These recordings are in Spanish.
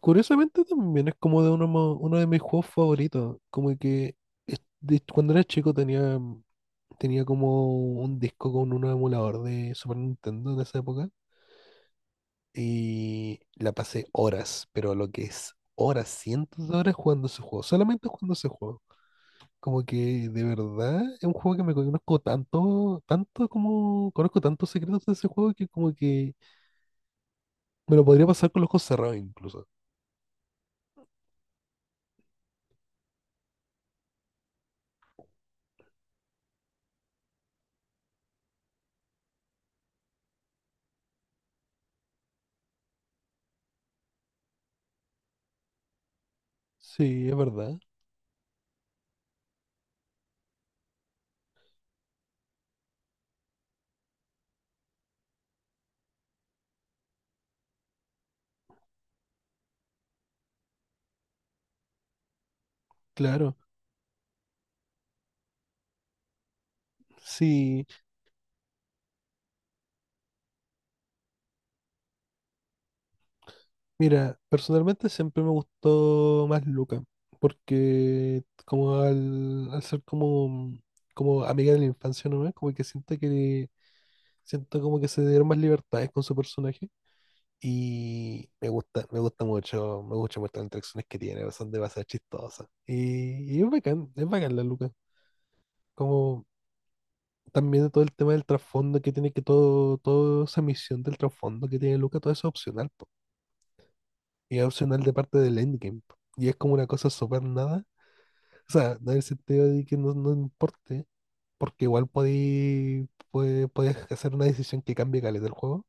Curiosamente también es como uno de mis juegos favoritos. Como que cuando era chico tenía, tenía como un disco con un emulador de Super Nintendo de esa época. Y la pasé horas, pero lo que es horas, cientos de horas jugando ese juego. Solamente jugando ese juego. Como que de verdad es un juego que me conozco tanto, tanto como conozco tantos secretos de ese juego que como que me lo podría pasar con los ojos cerrados incluso. Sí, es verdad. Claro. Sí, mira, personalmente siempre me gustó más Luca, porque como al ser como, como amiga de la infancia, ¿no? Como que siento como que se dieron más libertades con su personaje y me gusta mucho las interacciones que tiene, son demasiado chistosas. Y es bacán la Luca. Como también todo el tema del trasfondo que tiene que todo, toda esa misión del trasfondo que tiene Luca, todo eso es opcional, po. Y es opcional de parte del endgame. Y es como una cosa súper nada. O sea, no en el sentido de que no, no importe, porque igual podéis hacer una decisión que cambie caleta el juego.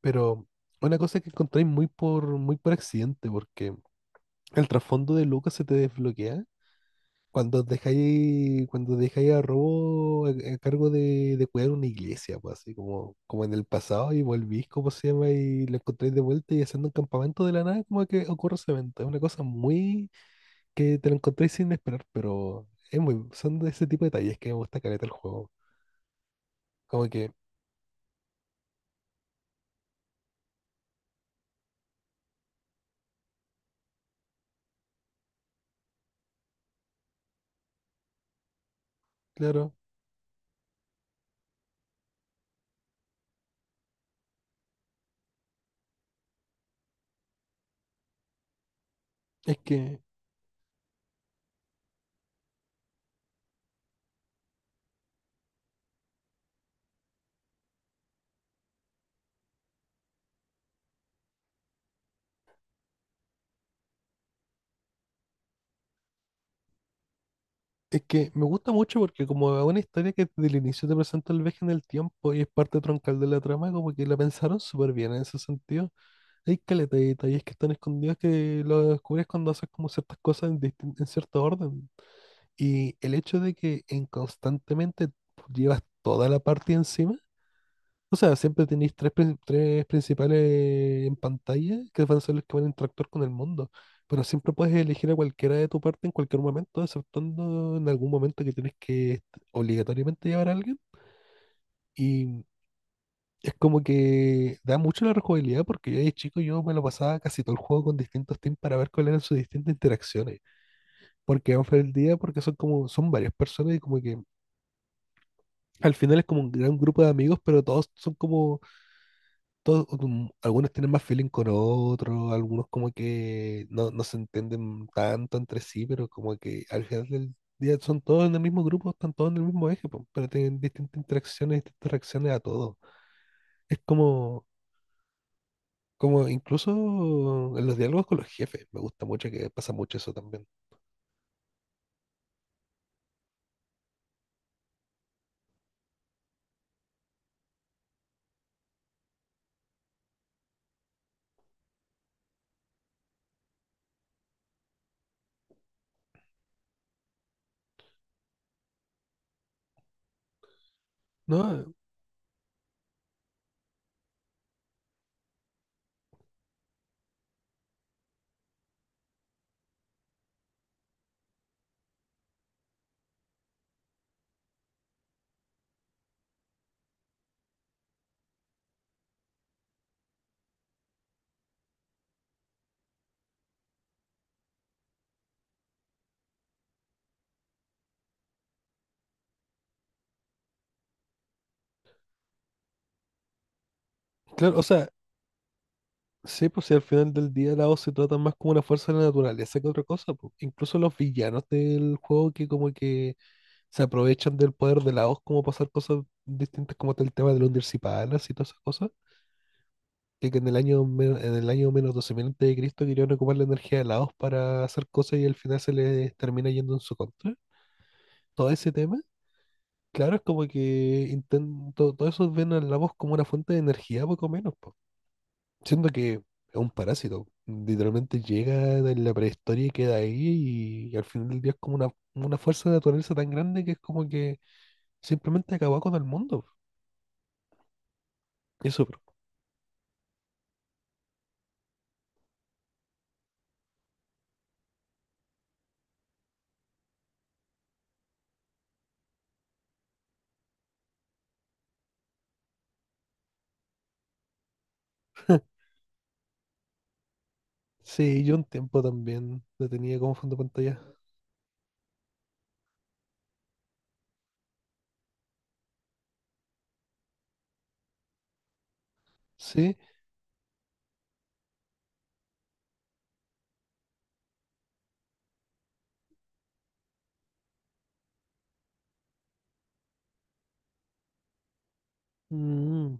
Pero una cosa que encontráis muy por, muy por accidente, porque el trasfondo de Lucas se te desbloquea cuando dejáis a Robo a cargo de cuidar una iglesia, pues así como, como en el pasado, y volvís, como se llama, y lo encontráis de vuelta y haciendo un campamento de la nada, como que ocurre ese evento. Es una cosa muy que te lo encontréis sin esperar, pero es muy, son de ese tipo de detalles que me gusta caleta el juego. Como que, claro, es que, es que me gusta mucho porque como es una historia que desde el inicio te presenta el viaje en el tiempo y es parte troncal de la trama, como que la pensaron súper bien en ese sentido. Hay caleta de detalles que están escondidos que lo descubres cuando haces como ciertas cosas en cierto orden. Y el hecho de que en constantemente llevas toda la partida encima. O sea, siempre tenéis tres principales en pantalla que van a ser los que van a interactuar con el mundo. Pero siempre puedes elegir a cualquiera de tu parte en cualquier momento, exceptuando en algún momento que obligatoriamente llevar a alguien. Y es como que da mucho la rejugabilidad porque yo de chico yo me lo pasaba casi todo el juego con distintos teams para ver cuáles eran sus distintas interacciones. Porque vamos el día, porque son como, son varias personas y como que al final es como un gran grupo de amigos, pero todos son como todos, algunos tienen más feeling con otros, algunos como que no, no se entienden tanto entre sí, pero como que al final del día son todos en el mismo grupo, están todos en el mismo eje, po, pero tienen distintas interacciones, distintas reacciones a todo. Es como, como incluso en los diálogos con los jefes, me gusta mucho que pasa mucho eso también. No, claro, o sea, sí, pues si al final del día la voz se trata más como una fuerza de la naturaleza que otra cosa, po. Incluso los villanos del juego que como que se aprovechan del poder de la voz como para hacer cosas distintas, como el tema de los Dircipalas y todas esas cosas, que, en el año menos 12.000 antes de Cristo querían ocupar la energía de la voz para hacer cosas y al final se les termina yendo en su contra. Todo ese tema, claro, es como que intento, todo eso ven a la voz como una fuente de energía, poco menos, po. Siendo que es un parásito. Literalmente llega en la prehistoria y queda ahí y, al final del día es como una fuerza de naturaleza tan grande que es como que simplemente acabó con el mundo. Eso, bro. Sí, yo un tiempo también la tenía como fondo de pantalla. Sí, mm,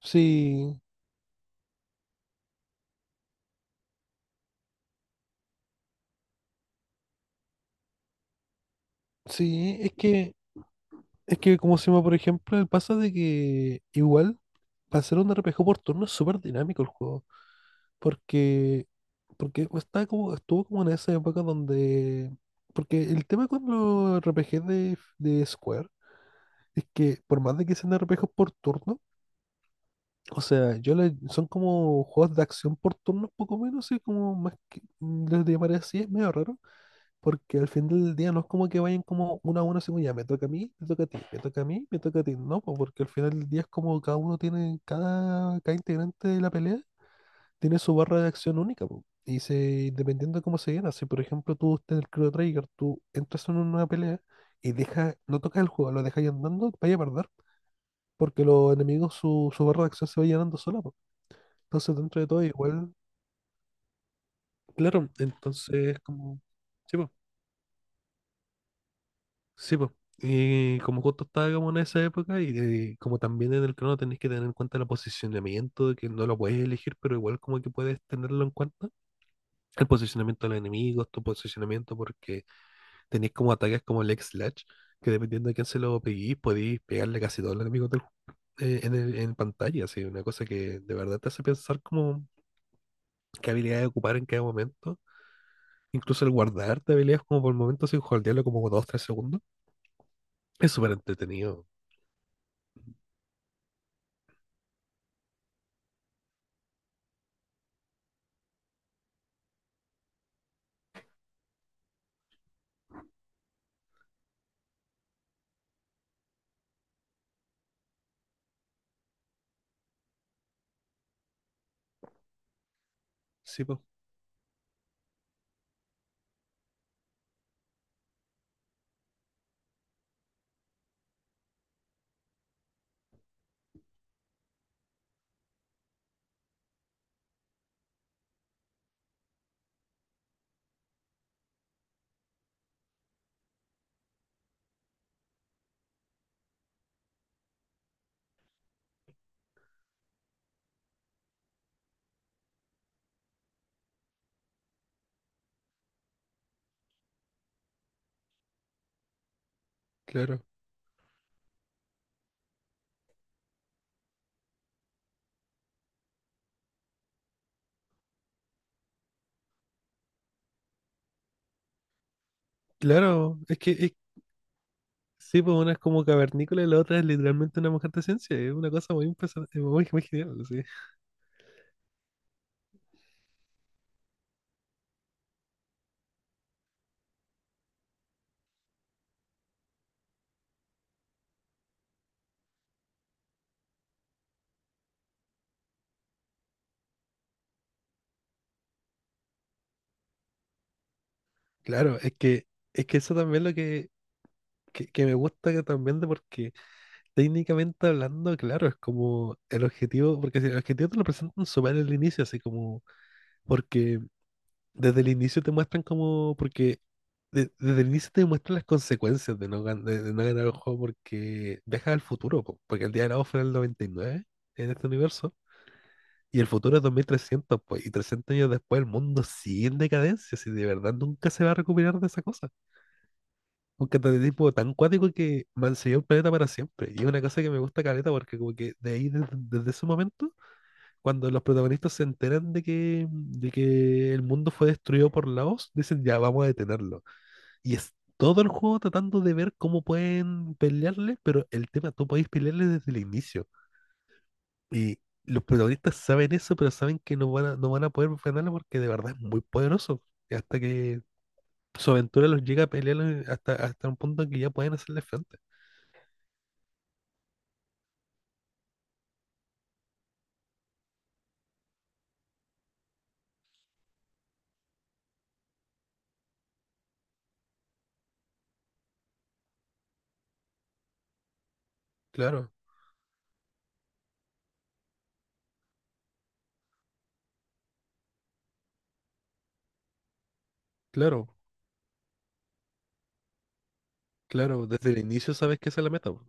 sí, sí, es que como se llama, por ejemplo, el pasa de que igual para hacer un RPG por turno es súper dinámico el juego, porque, porque está como, estuvo como en esa época donde, porque el tema con los RPG de Square es que por más de que sean RPGs por turno, o sea, son como juegos de acción por turnos, poco menos, así como más que les llamaré así, es medio raro, porque al fin del día no es como que vayan como uno a uno, así como ya me toca a mí, me toca a ti, me toca a mí, me toca a ti, no, po, porque al final del día es como cada uno tiene, cada, cada integrante de la pelea tiene su barra de acción única, po, y se, dependiendo de cómo se llena, si por ejemplo tú estás en el Chrono Trigger, tú entras en una pelea y deja, no tocas el juego, lo dejas ahí andando, vaya a perder, porque los enemigos, su barra de acción se va llenando sola, po. Entonces, dentro de todo, igual, claro, entonces, como, sí, pues, sí, pues. Y como justo estaba como en esa época, y, como también en el crono tenés que tener en cuenta el posicionamiento, de que no lo puedes elegir, pero igual como que puedes tenerlo en cuenta. El posicionamiento de los enemigos, tu posicionamiento, porque tenés como ataques como el X-Slash, que dependiendo de quién se lo peguís, podéis pegarle casi todos los enemigos en, en pantalla, así, una cosa que de verdad te hace pensar como qué habilidades ocupar en cada momento. Incluso el guardarte habilidades como por momentos sin holdearlo como dos, tres segundos. Es súper entretenido. Sí, pues, claro. Claro, sí, pues una es como cavernícola y la otra es literalmente una mujer de ciencia. Es una cosa muy impresionante, muy, muy genial, sí. Claro, es que eso también es lo que me gusta que también de porque técnicamente hablando, claro, es como el objetivo, porque si el objetivo te lo presentan súper al inicio, así como, porque desde el inicio te muestran como, porque desde el inicio te muestran las consecuencias de no, de no ganar el juego porque viajas al futuro, po, porque el día de la voz fue en el 99 en este universo y el futuro es 2300, pues, y 300 años después el mundo sigue en decadencia, si de verdad nunca se va a recuperar de esa cosa. Un tipo tan cuático que mancilló el planeta para siempre. Y es una cosa que me gusta caleta porque como que de ahí, desde, desde ese momento, cuando los protagonistas se enteran de que el mundo fue destruido por la voz, dicen ya vamos a detenerlo. Y es todo el juego tratando de ver cómo pueden pelearle, pero el tema, tú podéis pelearle desde el inicio. Y los protagonistas saben eso, pero saben que no van a poder frenarlo porque de verdad es muy poderoso. Y hasta que su aventura los llega a pelear hasta un punto en que ya pueden hacerle frente. Claro, claro, claro. Desde el inicio sabes que esa es la meta, po.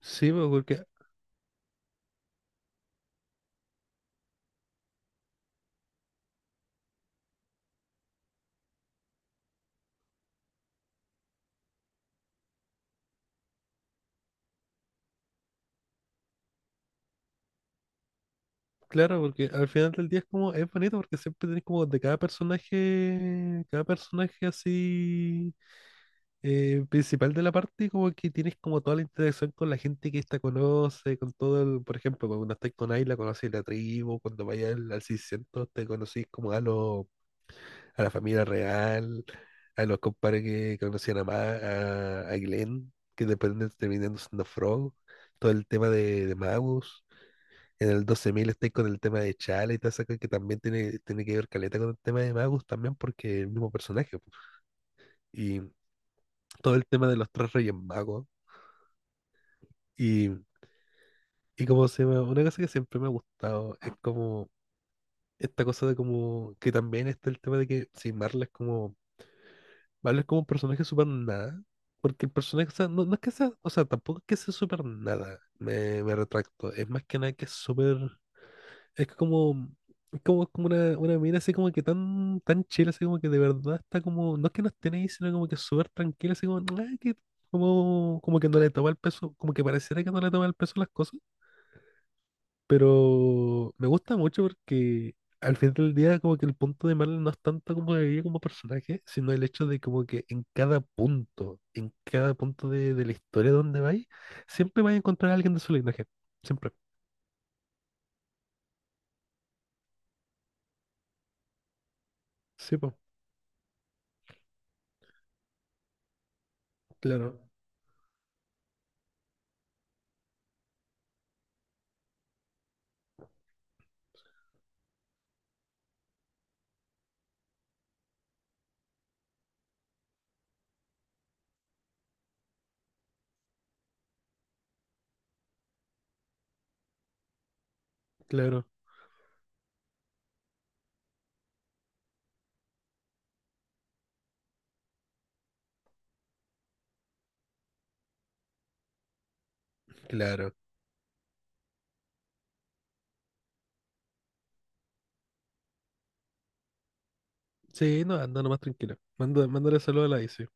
Sí, po, porque, claro, porque al final del día es como, es bonito porque siempre tenés como de cada personaje así principal de la parte, como que tienes como toda la interacción con la gente que esta conoce, con todo el, por ejemplo, cuando estás con Ayla conoces la tribu, cuando vayas al 600 te conocís como a, los a la familia real, a los compadres que conocían a, a Glenn, que dependen terminando siendo Frog, todo el tema de Magus. En el 12.000 estáis con el tema de Chala y toda esa cosa que también tiene, tiene que ver caleta con el tema de Magus también porque es el mismo personaje, pues. Y todo el tema de los tres reyes magos. Y, y como se llama, una cosa que siempre me ha gustado es como esta cosa de como que también está el tema de que si Marla es como, Marla es como un personaje súper nada, porque el personaje, o sea, no, no es que sea, o sea, tampoco es que sea súper nada, me retracto, es más que nada que es súper, es que como, es como, es como una mina así como que tan, tan chila, así como que de verdad está como, no es que no esté ahí, sino como que súper tranquila, así como, "Ah, que, como, como que no le toma el peso, como que pareciera que no le toma el peso a las cosas. Pero me gusta mucho porque al final del día como que el punto de Marvel no es tanto como ella como personaje, sino el hecho de como que en cada punto de la historia donde vais, siempre vais a encontrar a alguien de su linaje. Siempre. Sí, pues, claro, claro, claro. Sí, no, anda nomás tranquila. Manda, mándale saludo a la Izzy.